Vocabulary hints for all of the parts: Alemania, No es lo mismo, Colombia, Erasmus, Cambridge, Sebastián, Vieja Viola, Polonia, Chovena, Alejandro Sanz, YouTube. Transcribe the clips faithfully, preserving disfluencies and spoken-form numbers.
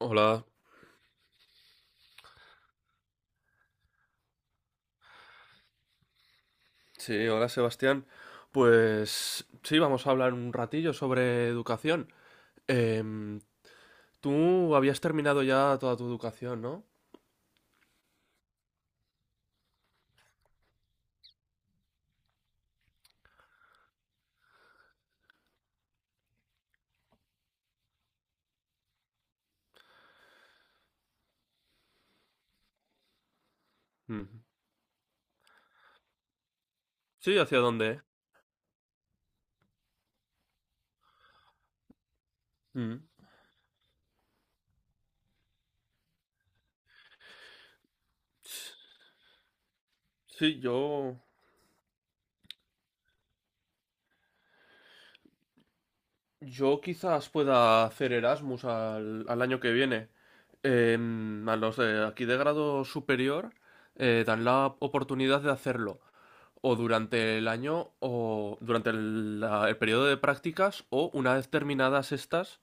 Hola, sí, hola Sebastián. Pues sí, vamos a hablar un ratillo sobre educación. Em, Tú habías terminado ya toda tu educación, ¿no? Mm. Sí, ¿hacia dónde? Mm. Sí, yo, yo quizás pueda hacer Erasmus al, al año que viene. Em, a los de aquí de grado superior eh, dan la oportunidad de hacerlo, o durante el año o durante el, la- el periodo de prácticas o una vez terminadas estas,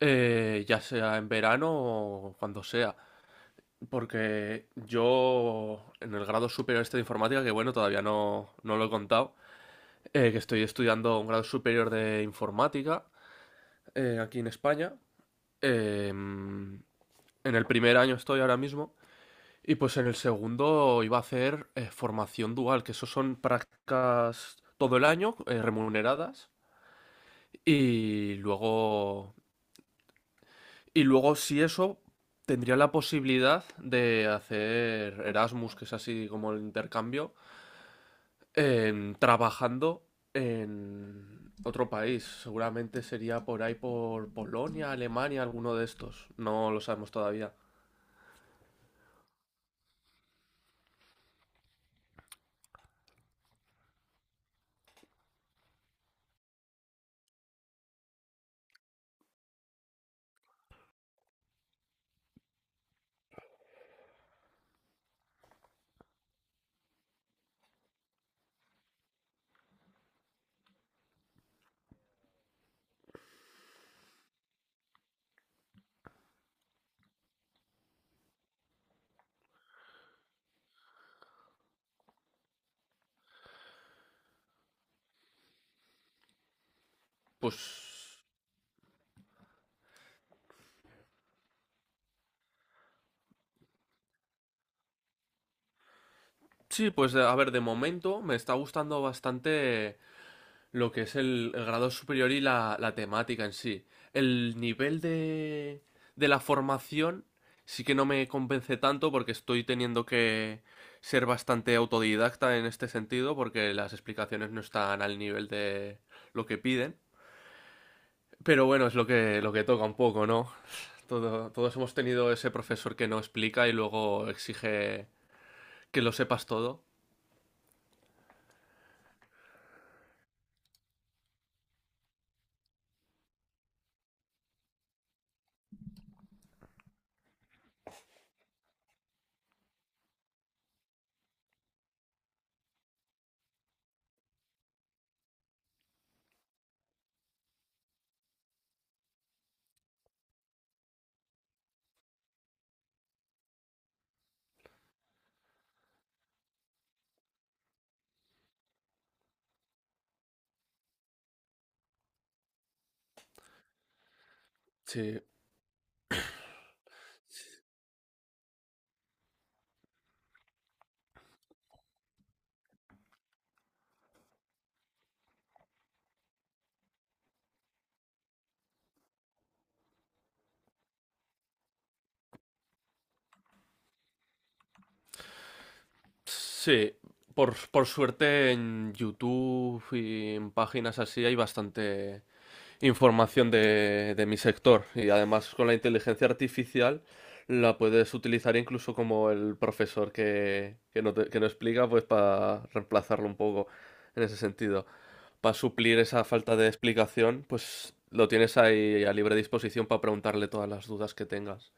eh, ya sea en verano o cuando sea. Porque yo en el grado superior este de informática, que bueno, todavía no, no lo he contado, eh, que estoy estudiando un grado superior de informática eh, aquí en España. eh, en el primer año estoy ahora mismo. Y pues en el segundo iba a hacer eh, formación dual, que eso son prácticas todo el año, eh, remuneradas. Y luego, y luego si eso, tendría la posibilidad de hacer Erasmus, que es así como el intercambio, en- trabajando en otro país. Seguramente sería por ahí por Polonia, Alemania, alguno de estos. No lo sabemos todavía. Pues sí, pues a ver, de momento me está gustando bastante lo que es el, el grado superior y la, la temática en sí. El nivel de, de la formación sí que no me convence tanto porque estoy teniendo que ser bastante autodidacta en este sentido porque las explicaciones no están al nivel de lo que piden. Pero bueno, es lo que, lo que toca un poco, ¿no? Todo, todos hemos tenido ese profesor que no explica y luego exige que lo sepas todo. Sí, Sí, por, por suerte en YouTube y en páginas así hay bastante información de, de mi sector, y además con la inteligencia artificial la puedes utilizar incluso como el profesor que, que no, te- que no explica, pues para reemplazarlo un poco en ese sentido. Para suplir esa falta de explicación, pues lo tienes ahí a libre disposición para preguntarle todas las dudas que tengas.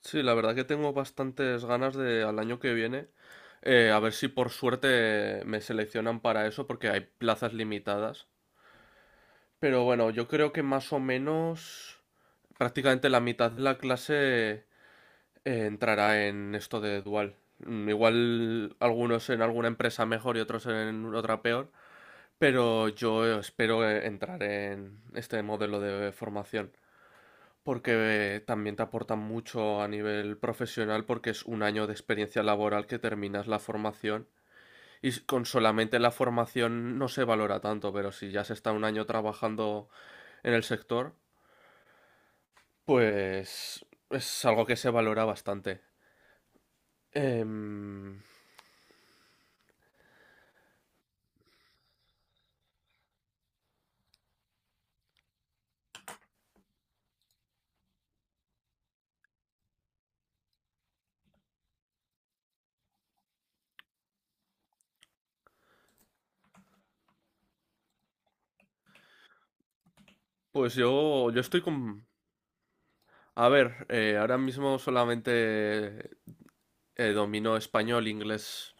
Sí, la verdad que tengo bastantes ganas de al año que viene, eh, a ver si por suerte me seleccionan para eso, porque hay plazas limitadas. Pero bueno, yo creo que más o menos prácticamente la mitad de la clase eh, entrará en esto de dual. Mm, igual algunos en alguna empresa mejor y otros en otra peor, pero yo espero eh, entrar en este modelo de formación. Porque eh, también te aportan mucho a nivel profesional, porque es un año de experiencia laboral, que terminas la formación y s- con solamente la formación no se valora tanto, pero si ya se está un año trabajando en el sector, pues es algo que se valora bastante. Em, pues yo, yo estoy con, a ver, eh, ahora mismo solamente eh, domino español, inglés,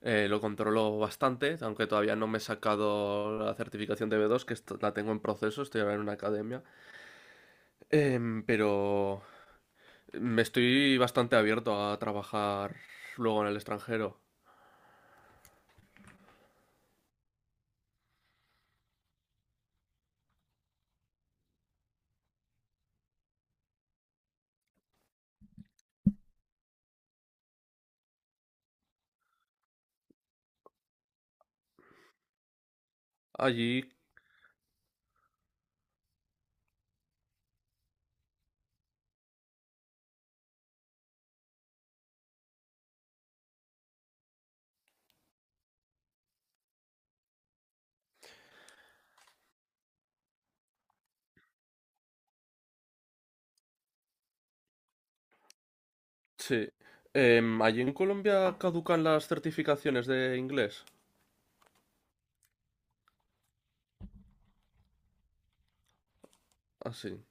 eh, lo controlo bastante, aunque todavía no me he sacado la certificación de B dos, que est- la tengo en proceso, estoy ahora en una academia. Em, pero me estoy bastante abierto a trabajar luego en el extranjero. Allí, sí. Em, allí en Colombia caducan las certificaciones de inglés. Así.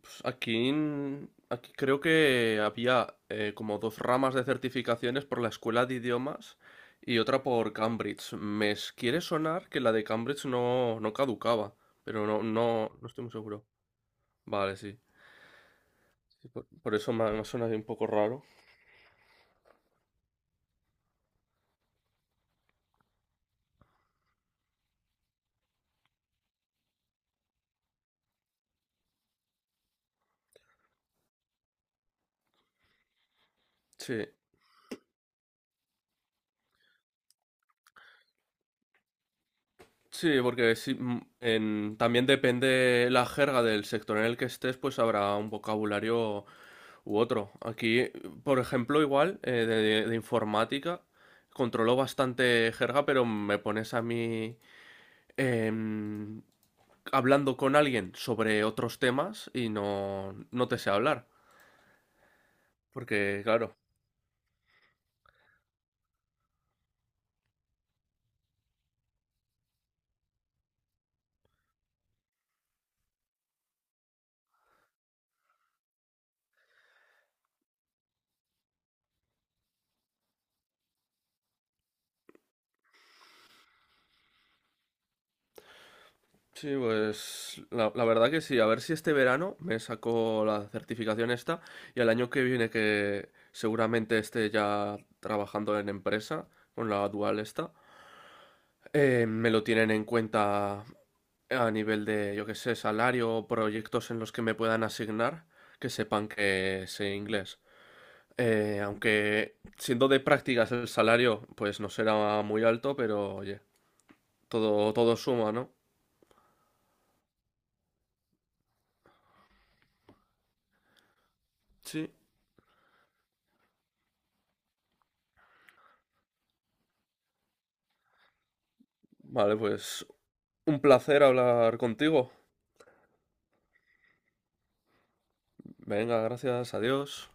Pues aquí, en- aquí creo que había eh, como dos ramas de certificaciones por la escuela de idiomas y otra por Cambridge. Me s- quiere sonar que la de Cambridge no, no caducaba, pero no, no, no estoy muy seguro. Vale, sí. Sí, por, por eso me, ha- me ha un poco raro. Sí, sí, porque sí, mm, en- también depende la jerga del sector en el que estés, pues habrá un vocabulario u otro. Aquí, por ejemplo, igual, eh, de, de informática, controlo bastante jerga, pero me pones a mí em, hablando con alguien sobre otros temas y no, no te sé hablar. Porque, claro. Sí, pues la, la verdad que sí. A ver si este verano me saco la certificación esta, y al año que viene que seguramente esté ya trabajando en empresa con la dual esta, Eh, me lo tienen en cuenta a nivel de, yo qué sé, salario o proyectos en los que me puedan asignar, que sepan que sé inglés. Eh, aunque siendo de prácticas el salario, pues no será muy alto, pero oye, todo, todo suma, ¿no? Sí. Vale, pues un placer hablar contigo. Venga, gracias, adiós.